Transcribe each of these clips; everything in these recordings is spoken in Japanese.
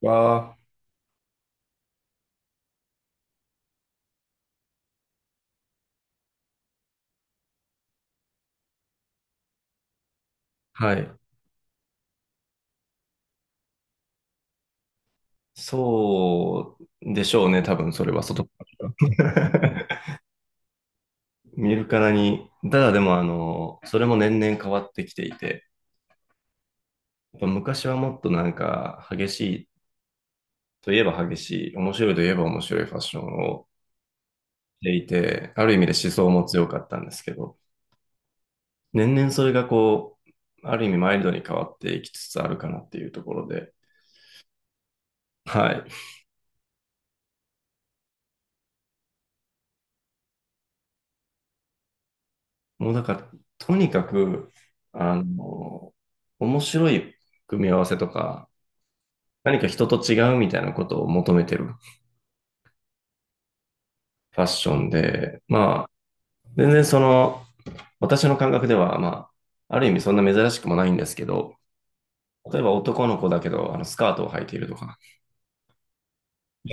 わあ、はい。そうでしょうね、多分それは外から。見るからに。ただでも、それも年々変わってきていて、やっぱ昔はもっとなんか激しいといえば激しい、面白いといえば面白いファッションをしていて、ある意味で思想も強かったんですけど、年々それがこう、ある意味マイルドに変わっていきつつあるかなっていうところで、はい。もうなんか、とにかく、あの、面白い組み合わせとか、何か人と違うみたいなことを求めてるファッションで、まあ、全然その、私の感覚では、まあ、ある意味そんな珍しくもないんですけど、例えば男の子だけど、スカートを履いているとか、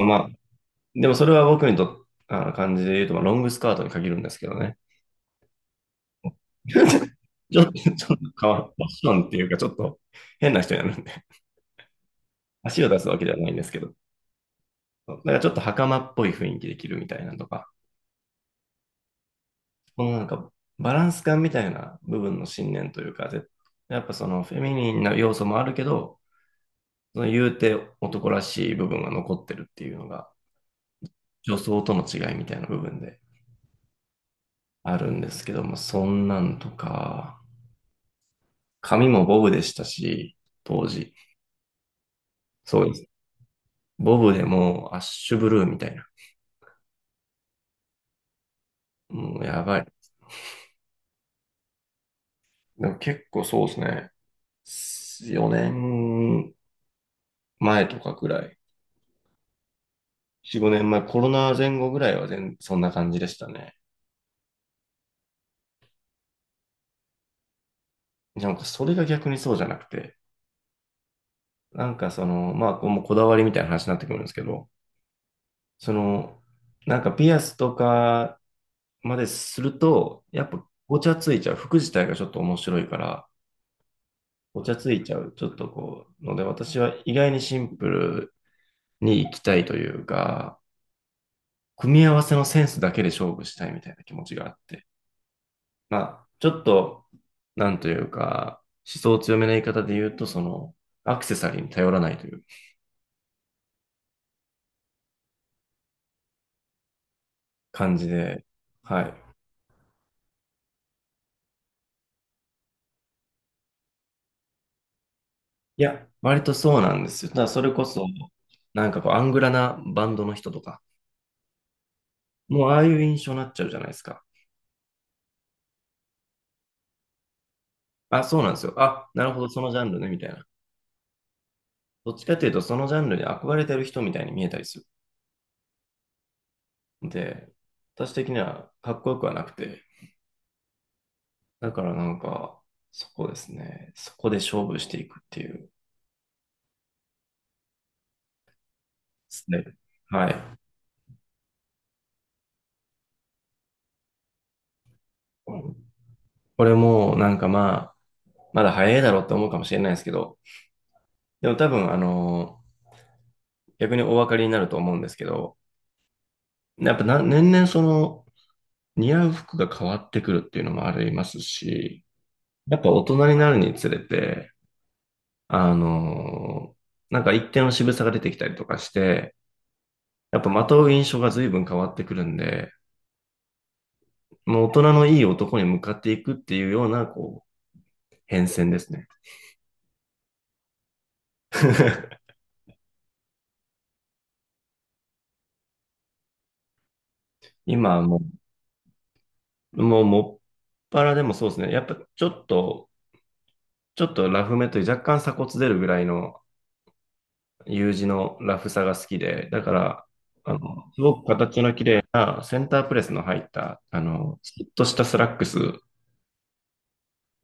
まあ、でもそれは僕にと、あの、感じで言うと、まあ、ロングスカートに限るんですけどね。ちょっと変わる。ファッションっていうか、ちょっと変な人になるんで、足を出すわけではないんですけど。なんかちょっと袴っぽい雰囲気で着るみたいなとか、このなんかバランス感みたいな部分の信念というか、やっぱそのフェミニンな要素もあるけど、その言うて男らしい部分が残ってるっていうのが、女装との違いみたいな部分であるんですけども、そんなんとか、髪もボブでしたし、当時。そうです。ボブでもうアッシュブルーみたいな。もうやばい。でも結構そうですね。4年前とかくらい。4、5年前、コロナ前後ぐらいは全、そんな感じでしたね。なんかそれが逆にそうじゃなくて、なんかその、まあ、これもこだわりみたいな話になってくるんですけど、その、なんかピアスとかまですると、やっぱごちゃついちゃう。服自体がちょっと面白いから、ごちゃついちゃう。ちょっとこう、ので、私は意外にシンプルに行きたいというか、組み合わせのセンスだけで勝負したいみたいな気持ちがあって、まあ、ちょっと、なんというか、思想強めな言い方で言うと、その、アクセサリーに頼らないという感じで、はい。いや、割とそうなんですよ。ただ、それこそ、なんかこう、アングラなバンドの人とか、もうああいう印象になっちゃうじゃないですか。あ、そうなんですよ。あ、なるほど、そのジャンルね、みたいな。どっちかというと、そのジャンルに憧れてる人みたいに見えたりする。で、私的にはかっこよくはなくて、だからなんか、そこですね。そこで勝負していくっていうスタイル。はい。これもなんかまあ、まだ早いだろうって思うかもしれないですけど、でも多分逆にお分かりになると思うんですけど、やっぱな年々その似合う服が変わってくるっていうのもありますし、やっぱ大人になるにつれて、あの、なんか一定の渋さが出てきたりとかして、やっぱまとう印象が随分変わってくるんで、もう大人のいい男に向かっていくっていうような、こう、変遷ですね。今はもう、もうもぱらでもそうですね。やっぱちょっと、ちょっとラフめという若干鎖骨出るぐらいの U 字のラフさが好きで、だから、すごく形の綺麗なセンタープレスの入った、スッとしたスラックス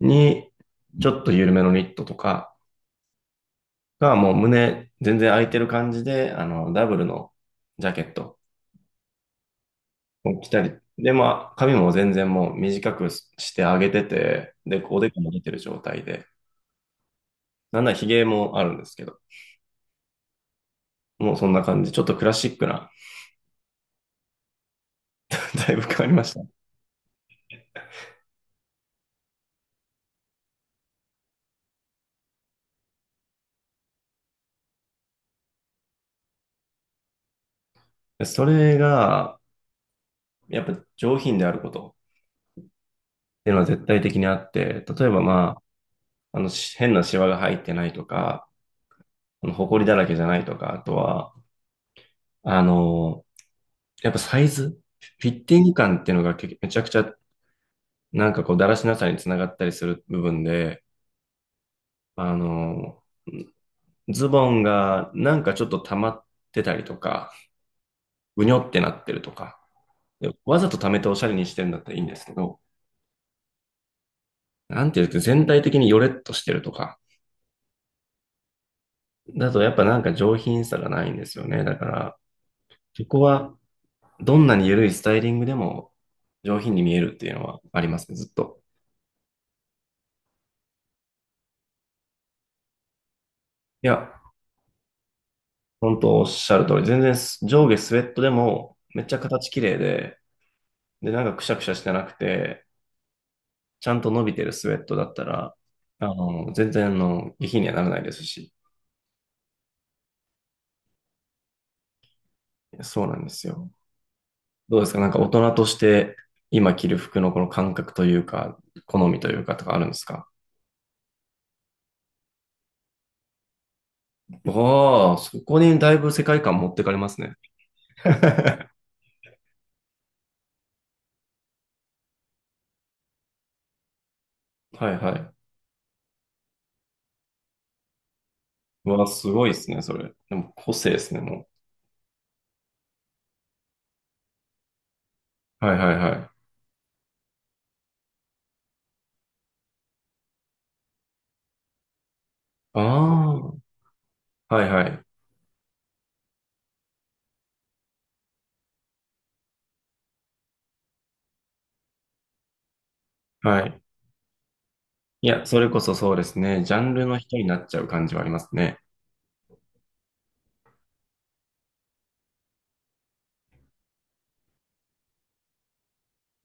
に、ちょっと緩めのニットとかがもう胸全然空いてる感じで、ダブルのジャケットを着たり、で、まあ、髪も全然もう短くしてあげてて、で、おでこも出てる状態で、なんなら髭もあるんですけど、もうそんな感じ。ちょっとクラシックな、だいぶ変わりました。それが、やっぱ上品であることっていうのは絶対的にあって、例えばまあ、し変なシワが入ってないとか、埃だらけじゃないとか、あとは、あの、やっぱサイズ、フィッティング感っていうのがけめちゃくちゃ、なんかこう、だらしなさにつながったりする部分で、あの、ズボンがなんかちょっと溜まってたりとか、ぐにょってなってるとか、でわざと溜めておしゃれにしてるんだったらいいんですけど、なんていうか、全体的にヨレッとしてるとか、だとやっぱなんか上品さがないんですよね。だから、そこはどんなに緩いスタイリングでも上品に見えるっていうのはありますね、ずっと。いや、本当おっしゃる通り、全然上下スウェットでもめっちゃ形綺麗で、で、なんかくしゃくしゃしてなくて、ちゃんと伸びてるスウェットだったら、全然あの下品にはならないですし、そうなんですよ。どうですかなんか大人として今着る服のこの感覚というか、好みというかとかあるんですか？ああ、そこにだいぶ世界観持ってかれますね。はいはい。うわ、すごいですね、それ。でも個性ですね、もう。はいはいはい。ああ、はいはい。はい。いや、それこそそうですね。ジャンルの人になっちゃう感じはありますね。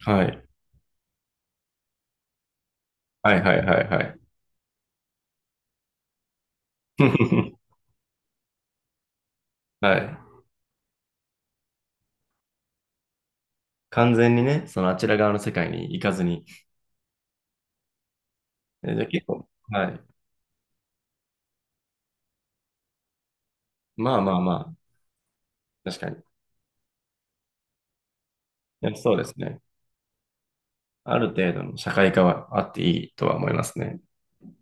はい。はいはいはいはい。はい。完全にね、そのあちら側の世界に行かずに。えじゃあ結構、はい。まあまあまあ、確かに。いやそうですね。ある程度の社会化はあっていいとは思いますね。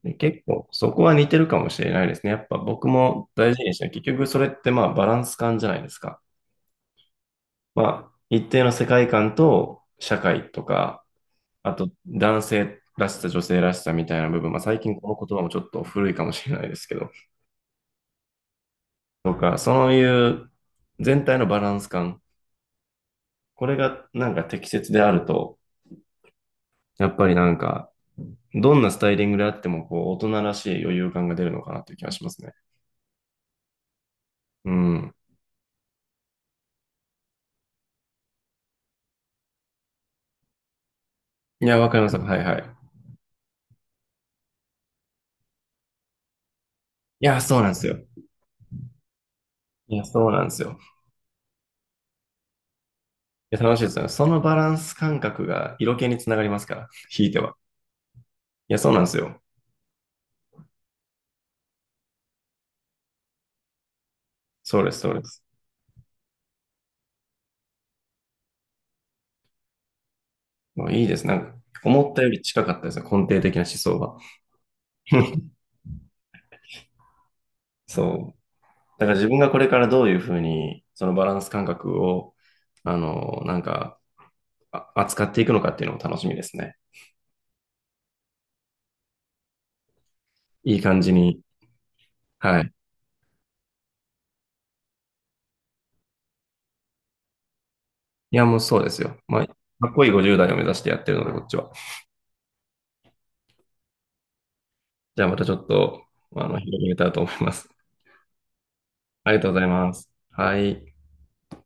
で、結構そこは似てるかもしれないですね。やっぱ僕も大事にして、結局それってまあバランス感じゃないですか。まあ一定の世界観と社会とか、あと男性らしさ、女性らしさみたいな部分、まあ最近この言葉もちょっと古いかもしれないですけど、とか、そういう全体のバランス感、これがなんか適切であると、やっぱりなんかどんなスタイリングであっても、こう、大人らしい余裕感が出るのかなという気がしますね。うん。いや、わかります。はいはい。いや、そうなんですよ。いや、そうなんですよ。いや、楽しいですよね。そのバランス感覚が色気につながりますから、引いては。いや、そうなんですよ。そうです、そうです。もういいです。なんか、思ったより近かったですね。根底的な思想が。そう。だから自分がこれからどういうふうに、そのバランス感覚を、あの、なんか、あ扱っていくのかっていうのも楽しみですね。いい感じに、はい。いや、もうそうですよ。まあ、かっこいい50代を目指してやってるので、こっちは。じゃあまたちょっと、広げたいと思います。ありがとうございます。はい。